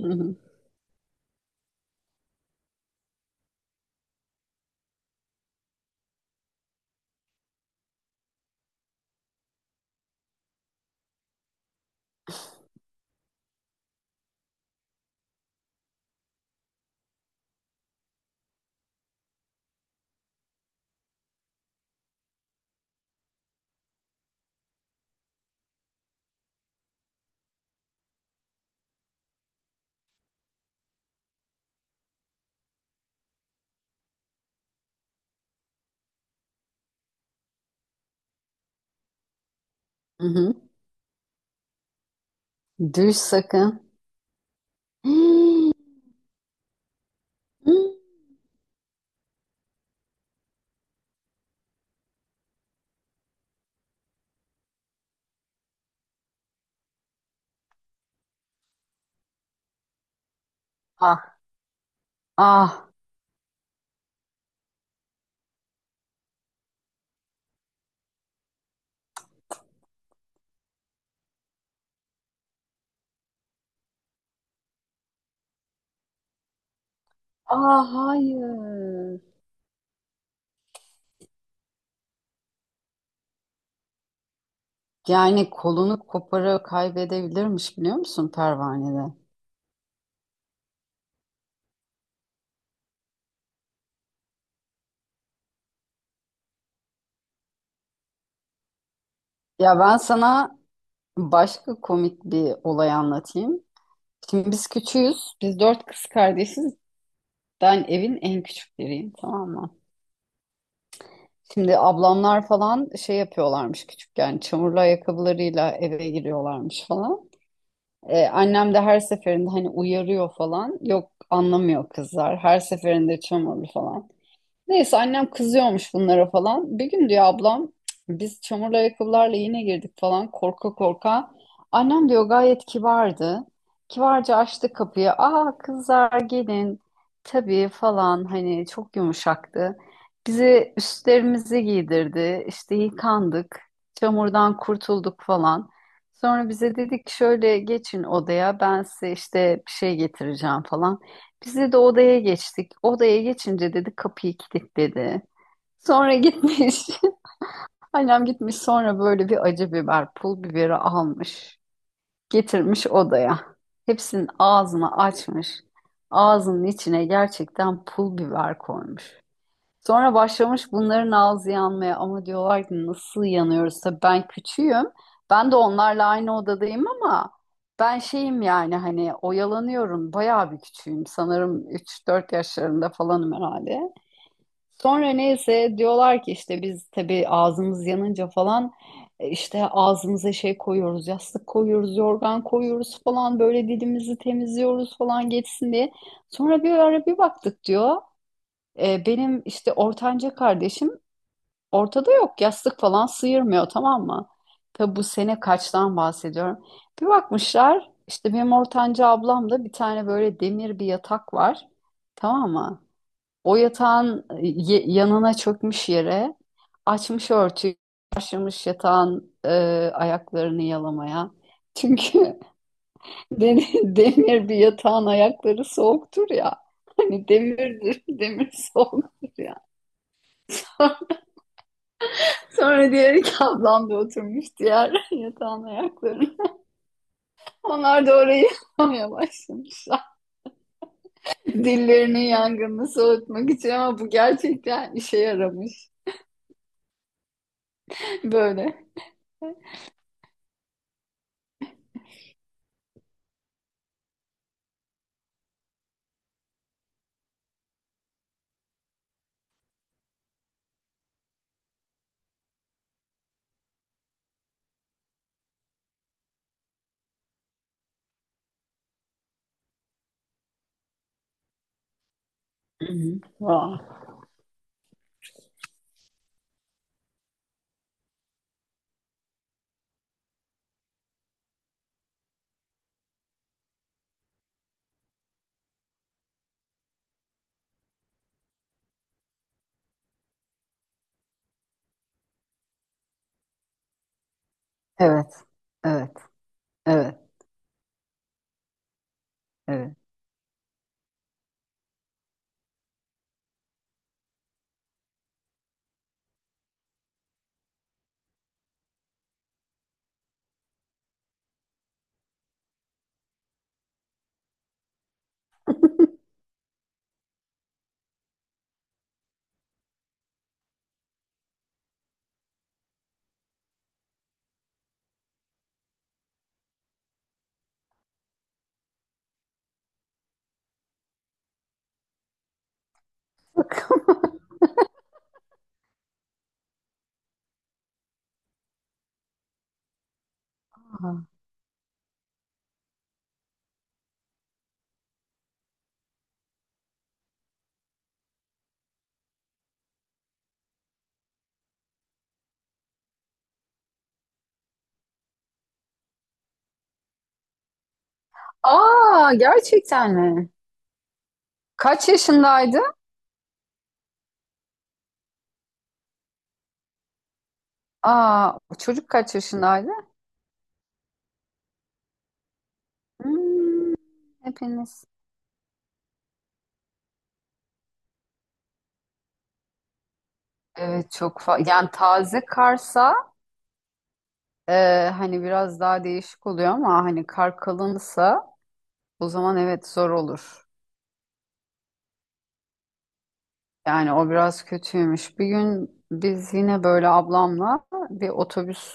Hı hı. Hı hı. Düş sakın. Hii. Hı. Ah, ah, ah, hayır. Yani kolunu koparı kaybedebilirmiş biliyor musun pervanede? Ya ben sana başka komik bir olay anlatayım. Şimdi biz küçüğüz. Biz dört kız kardeşiz. Ben evin en küçükleriyim, tamam mı? Şimdi ablamlar falan şey yapıyorlarmış küçükken. Çamurlu ayakkabılarıyla eve giriyorlarmış falan. Annem de her seferinde hani uyarıyor falan. Yok, anlamıyor kızlar. Her seferinde çamurlu falan. Neyse, annem kızıyormuş bunlara falan. Bir gün diyor ablam, biz çamurlu ayakkabılarla yine girdik falan korka korka. Annem diyor gayet kibardı. Kibarca açtı kapıyı. Aa kızlar gelin. Tabii falan, hani çok yumuşaktı. Bize üstlerimizi giydirdi. İşte yıkandık. Çamurdan kurtulduk falan. Sonra bize dedik ki şöyle geçin odaya, ben size işte bir şey getireceğim falan. Bizi de odaya geçtik. Odaya geçince dedi kapıyı kilitledi. Sonra gitmiş. Annem gitmiş sonra böyle bir acı biber, pul biberi almış. Getirmiş odaya. Hepsinin ağzını açmış. Ağzının içine gerçekten pul biber koymuş. Sonra başlamış bunların ağzı yanmaya, ama diyorlar ki nasıl yanıyoruz? Tabii ben küçüğüm. Ben de onlarla aynı odadayım ama ben şeyim, yani hani oyalanıyorum. Bayağı bir küçüğüm. Sanırım üç dört yaşlarında falanım herhalde. Sonra neyse diyorlar ki işte biz tabii ağzımız yanınca falan işte ağzımıza şey koyuyoruz, yastık koyuyoruz, yorgan koyuyoruz falan, böyle dilimizi temizliyoruz falan, geçsin diye. Sonra bir ara bir baktık diyor. Benim işte ortanca kardeşim ortada yok. Yastık falan sıyırmıyor, tamam mı? Tabi bu sene kaçtan bahsediyorum. Bir bakmışlar işte benim ortanca ablamda bir tane böyle demir bir yatak var. Tamam mı? O yatağın yanına çökmüş yere, açmış örtüyü, başlamış yatağın ayaklarını yalamaya. Çünkü den- demir bir yatağın ayakları soğuktur ya. Hani demirdir, demir soğuktur ya. Sonra diğer iki ablam da oturmuş diğer yatağın ayaklarına. Onlar da orayı yıkamaya başlamışlar. Dillerinin yangınını soğutmak için, ama bu gerçekten işe yaramış. Böyle. Hı hı. Vay. Evet, evet, evet, evet. Bakın. Aa, gerçekten mi? Kaç yaşındaydı? Aa, çocuk kaç yaşındaydı? Hmm, hepiniz. Evet, çok yani taze karsa, hani biraz daha değişik oluyor, ama hani kar kalınsa o zaman evet zor olur. Yani o biraz kötüymüş. Bir gün biz yine böyle ablamla bir otobüs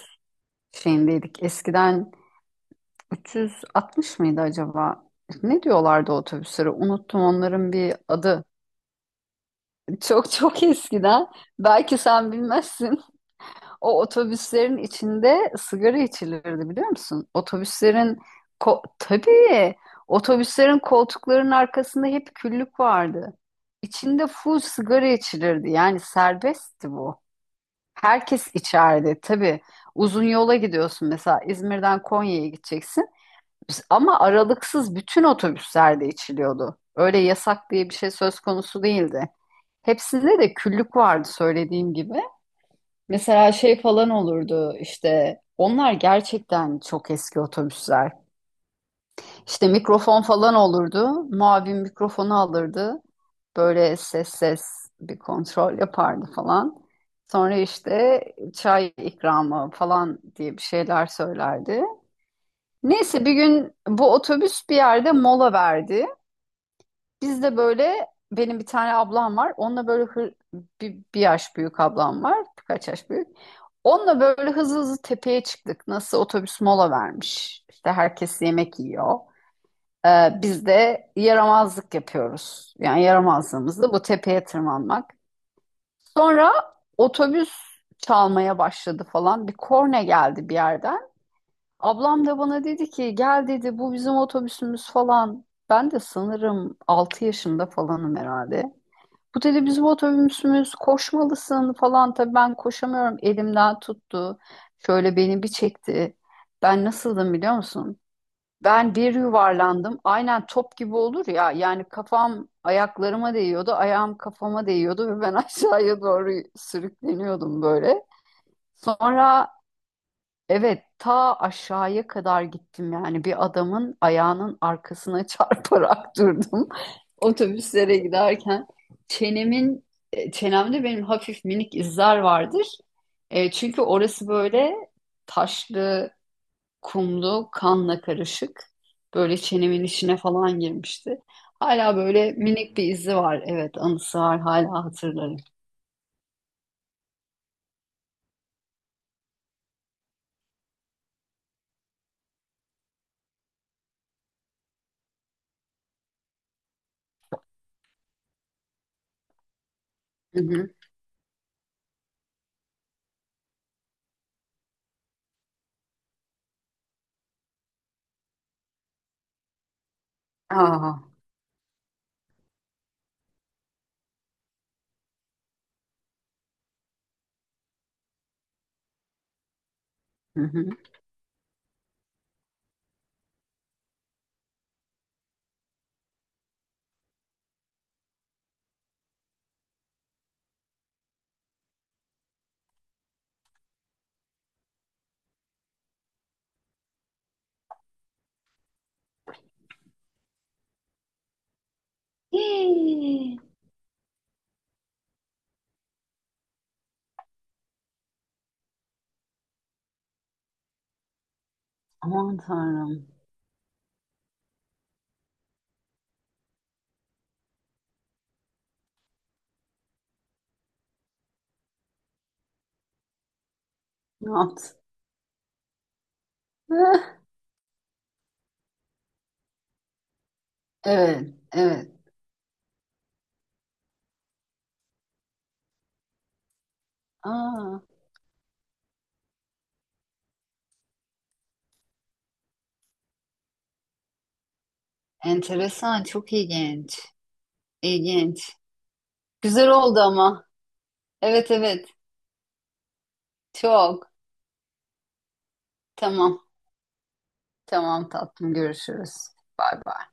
şeyindeydik. Eskiden 360 mıydı acaba? Ne diyorlardı otobüslere? Unuttum onların bir adı. Çok çok eskiden. Belki sen bilmezsin. O otobüslerin içinde sigara içilirdi biliyor musun? Otobüslerin tabii otobüslerin koltuklarının arkasında hep küllük vardı. İçinde full sigara içilirdi. Yani serbestti bu. Herkes içerdi tabii. Uzun yola gidiyorsun, mesela İzmir'den Konya'ya gideceksin. Ama aralıksız bütün otobüslerde içiliyordu. Öyle yasak diye bir şey söz konusu değildi. Hepsinde de küllük vardı söylediğim gibi. Mesela şey falan olurdu, işte onlar gerçekten çok eski otobüsler. İşte mikrofon falan olurdu. Muavin mikrofonu alırdı. Böyle ses ses bir kontrol yapardı falan. Sonra işte çay ikramı falan diye bir şeyler söylerdi. Neyse bir gün bu otobüs bir yerde mola verdi. Biz de böyle, benim bir tane ablam var. Onunla böyle bir yaş büyük ablam var. Birkaç yaş büyük. Onunla böyle hızlı hızlı tepeye çıktık. Nasıl otobüs mola vermiş. İşte herkes yemek yiyor. Biz de yaramazlık yapıyoruz. Yani yaramazlığımız da bu tepeye tırmanmak. Sonra otobüs çalmaya başladı falan. Bir korna geldi bir yerden. Ablam da bana dedi ki gel dedi, bu bizim otobüsümüz falan. Ben de sanırım 6 yaşında falanım herhalde. Bu dedi bizim otobüsümüz, koşmalısın falan. Tabii ben koşamıyorum. Elimden tuttu. Şöyle beni bir çekti. Ben nasıldım biliyor musun? Ben bir yuvarlandım. Aynen top gibi olur ya. Yani kafam ayaklarıma değiyordu. Ayağım kafama değiyordu ve ben aşağıya doğru sürükleniyordum böyle. Sonra, evet, ta aşağıya kadar gittim, yani bir adamın ayağının arkasına çarparak durdum otobüslere giderken. Çenemin çenemde benim hafif minik izler vardır. Çünkü orası böyle taşlı, kumlu, kanla karışık. Böyle çenemin içine falan girmişti. Hala böyle minik bir izi var. Evet, anısı var. Hala hatırlarım. Hı hı. Aa. Hı hı. Hii. Aman Tanrım. Ne yaptın? Evet, evet. Aa, enteresan, çok ilginç. İlginç. Güzel oldu ama. Evet, evet. Çok. Tamam, tamam tatlım. Görüşürüz. Bay bay.